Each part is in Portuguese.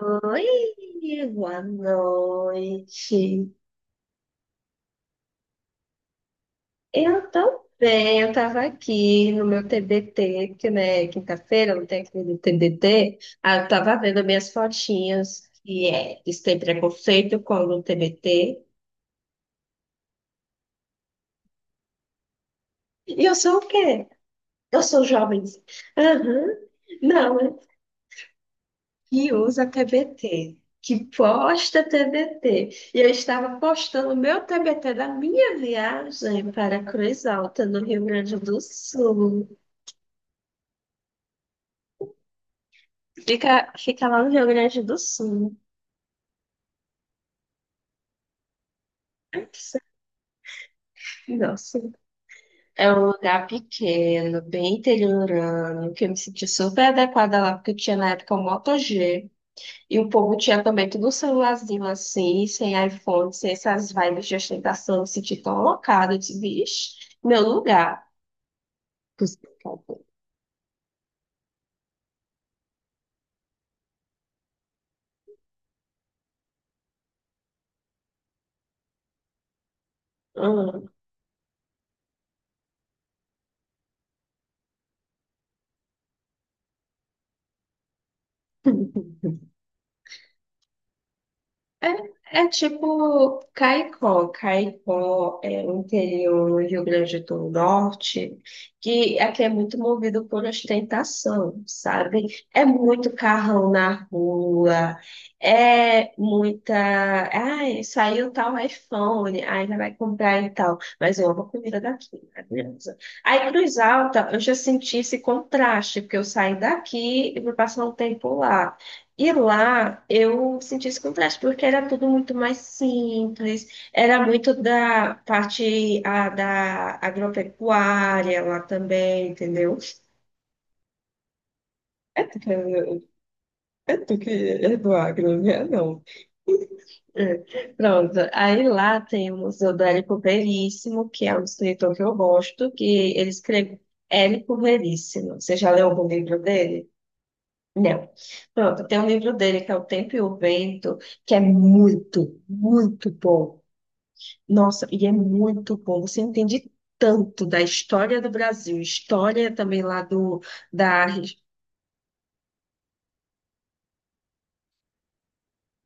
Oi, boa noite. Eu tô bem, eu tava aqui no meu TBT, porque né, quinta-feira eu não tem aquele TBT. Ah, eu tava vendo minhas fotinhas, que é, eles têm preconceito com o TBT. E eu sou o quê? Eu sou jovem. Aham. Não, que usa TBT, que posta TBT. E eu estava postando o meu TBT da minha viagem para Cruz Alta, no Rio Grande do Sul. Fica lá no Rio Grande do Sul. Nossa, é um lugar pequeno, bem interiorano, que eu me senti super adequada lá, porque eu tinha na época o Moto G, e o povo tinha também tudo um celularzinho assim, sem iPhone, sem essas vibes de ostentação, eu me senti tão alocada, eu disse, vixe, meu lugar. Cuscalco. Aham. É tipo Caicó. Caicó é o interior do Rio Grande do Norte, que aqui é muito movido por ostentação, sabe? É muito carrão na rua, é muita. Ai, saiu tal iPhone, ai, já vai comprar e tal. Mas eu amo a comida daqui, maravilhosa. Aí, Cruz Alta, eu já senti esse contraste, porque eu saí daqui e vou passar um tempo lá. E lá eu senti esse contraste, porque era tudo muito mais simples, era muito da parte da agropecuária lá também, entendeu? É tu que é, é tu que é do agro, né? Não. É. Pronto, aí lá tem o Museu do Érico Veríssimo, que é um escritor que eu gosto, que ele escreveu Érico Veríssimo. Você já leu algum livro dele? Não. Pronto, tem um livro dele que é O Tempo e o Vento, que é muito, muito bom. Nossa, e é muito bom. Você entende tanto da história do Brasil, história também lá do da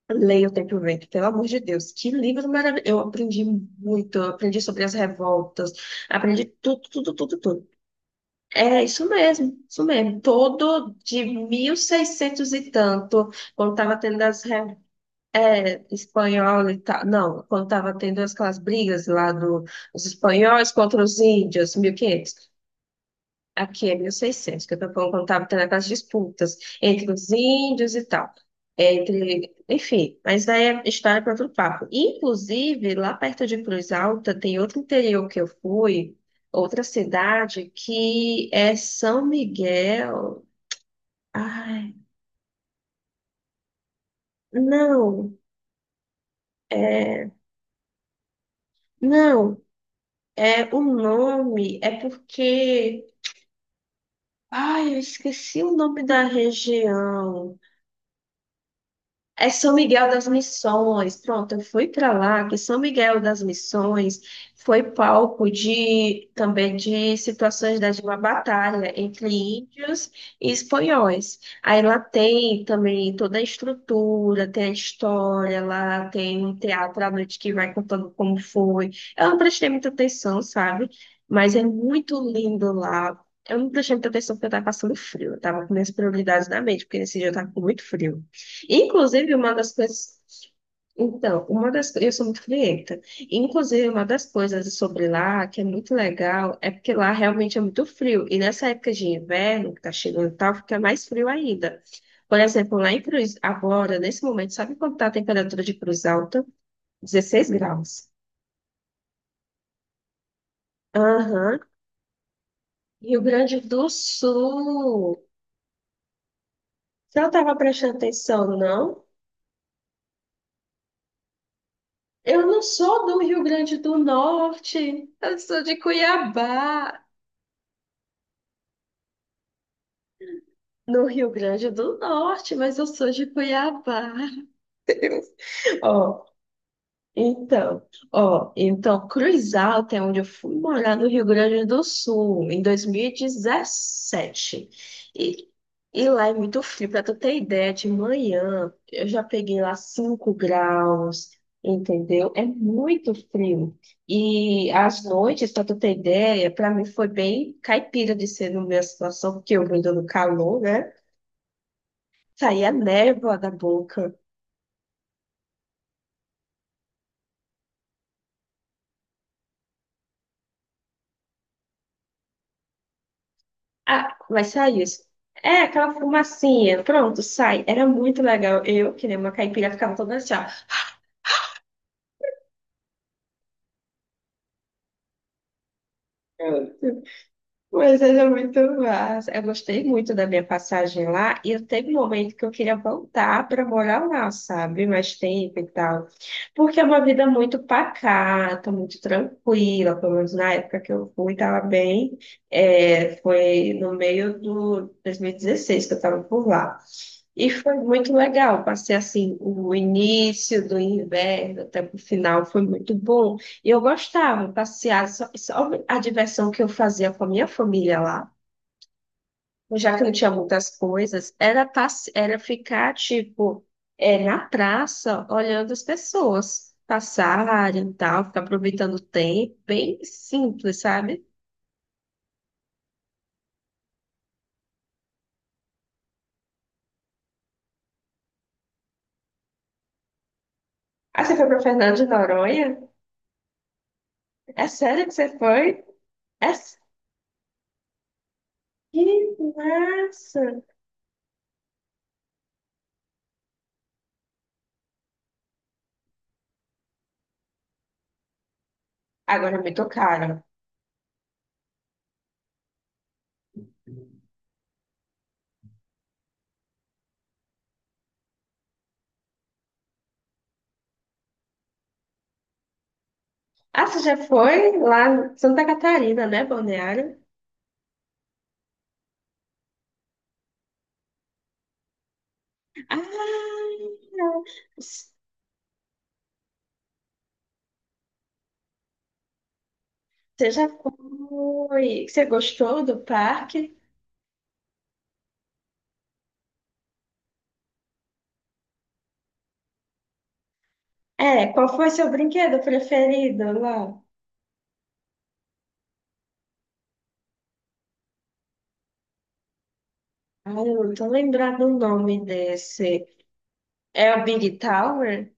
Leia O Tempo e o Vento, pelo amor de Deus, que livro maravilhoso. Eu aprendi muito, eu aprendi sobre as revoltas, aprendi tudo, tudo, tudo, tudo. É isso mesmo, isso mesmo. Todo de 1600 e tanto, quando estava tendo as revoltas. É, espanhol e tal. Não, quando estava tendo aquelas brigas lá dos espanhóis contra os índios, mil e quinhentos. Aqui é 1600 que eu tô falando quando estava tendo aquelas disputas entre os índios e tal. Enfim, mas daí é história para outro papo. Inclusive, lá perto de Cruz Alta, tem outro interior que eu fui, outra cidade, que é São Miguel. Ai, não, é. Não, é, o nome é porque. Ai, eu esqueci o nome da região. É São Miguel das Missões. Pronto, eu fui para lá, que São Miguel das Missões foi palco de também de situações de uma batalha entre índios e espanhóis. Aí lá tem também toda a estrutura, tem a história, lá tem um teatro à noite que vai contando como foi. Eu não prestei muita atenção, sabe? Mas é muito lindo lá. Eu não prestei muita atenção porque eu estava passando frio. Eu estava com minhas prioridades na mente, porque nesse dia eu estava com muito frio. Inclusive, uma das coisas. Então, uma das coisas. Eu sou muito frienta. Inclusive, uma das coisas sobre lá que é muito legal é porque lá realmente é muito frio. E nessa época de inverno, que tá chegando e tal, fica mais frio ainda. Por exemplo, lá em Cruz, agora, nesse momento, sabe quanto tá a temperatura de Cruz Alta? 16 graus. Aham. Rio Grande do Sul. Você não estava prestando atenção, não? Eu não sou do Rio Grande do Norte, eu sou de Cuiabá. No Rio Grande do Norte, mas eu sou de Cuiabá. Ó, então, ó, então, Cruz Alta é onde eu fui morar no Rio Grande do Sul, em 2017. E, dezessete. E lá é muito frio, pra tu ter ideia, de manhã eu já peguei lá 5 graus, entendeu? É muito frio. E às noites, pra tu ter ideia, pra mim foi bem caipira de ser na minha situação, porque eu vindo no calor, né? Saía névoa da boca. Ah, mas saía isso. É, aquela fumacinha. Pronto, sai. Era muito legal. Eu, que nem uma caipira, ficava toda assim, ó. Mas era muito massa. Eu gostei muito da minha passagem lá. E eu teve um momento que eu queria voltar para morar lá, sabe? Mais tempo e tal. Porque é uma vida muito pacata, muito tranquila. Pelo menos na época que eu fui, estava bem. É, foi no meio do 2016 que eu estava por lá. E foi muito legal. Passei assim o início do inverno até o final, foi muito bom. E eu gostava de passear, só a diversão que eu fazia com a minha família lá, já que não tinha muitas coisas, era, era ficar tipo é, na praça olhando as pessoas passarem e tal, ficar aproveitando o tempo, bem simples, sabe? Ah, você foi para Fernando de Noronha? É sério que você foi? É... s- Que massa! Agora me tocaram. Ah, você já foi lá em Santa Catarina, né, Balneário? Ah, você já foi. Você gostou do parque? É, qual foi seu brinquedo preferido lá? Ah, eu não tô lembrando o nome desse. É o Big Tower?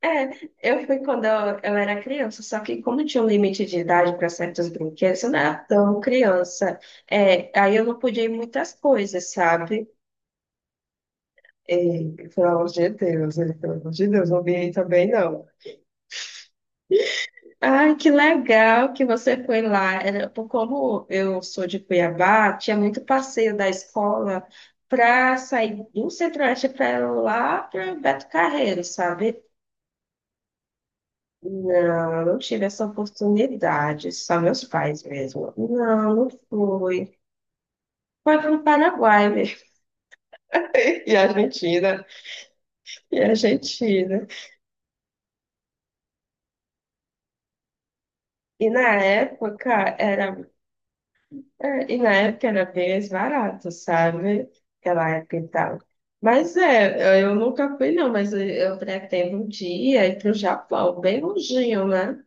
É, eu fui quando eu era criança, só que como tinha um limite de idade para certos brinquedos, eu não era tão criança. É, aí eu não podia ir em muitas coisas, sabe? E pelo amor de Deus, não vi aí também não. Ai, que legal que você foi lá. Como eu sou de Cuiabá, tinha muito passeio da escola para sair do Centro-Oeste para lá para Beto Carreiro, sabe? Não, eu não tive essa oportunidade, só meus pais mesmo. Não, não fui. Foi para o Paraguai mesmo. E Argentina, e Argentina. E na época era e na época era bem mais barato, sabe? Aquela época e tal. Mas é, eu nunca fui, não, mas eu pretendo um dia ir para o Japão, bem longinho, né?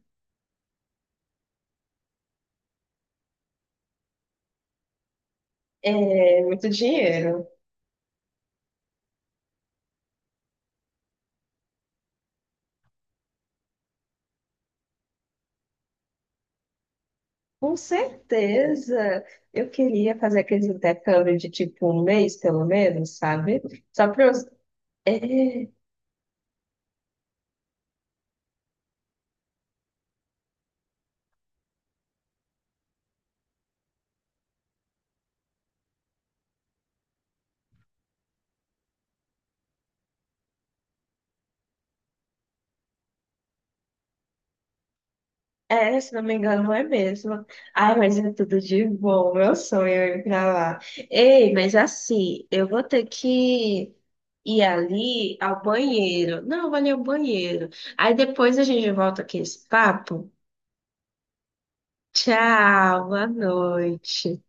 É muito dinheiro. Com certeza, eu queria fazer aquele intercâmbio de tipo um mês, pelo menos, sabe? Só para eu, é, É, se não me engano, não é mesmo. Ai, mas é tudo de bom. Meu sonho é ir pra lá. Ei, mas assim, eu vou ter que ir ali ao banheiro. Não, eu vou ali ao banheiro. Aí depois a gente volta aqui esse papo. Tchau, boa noite.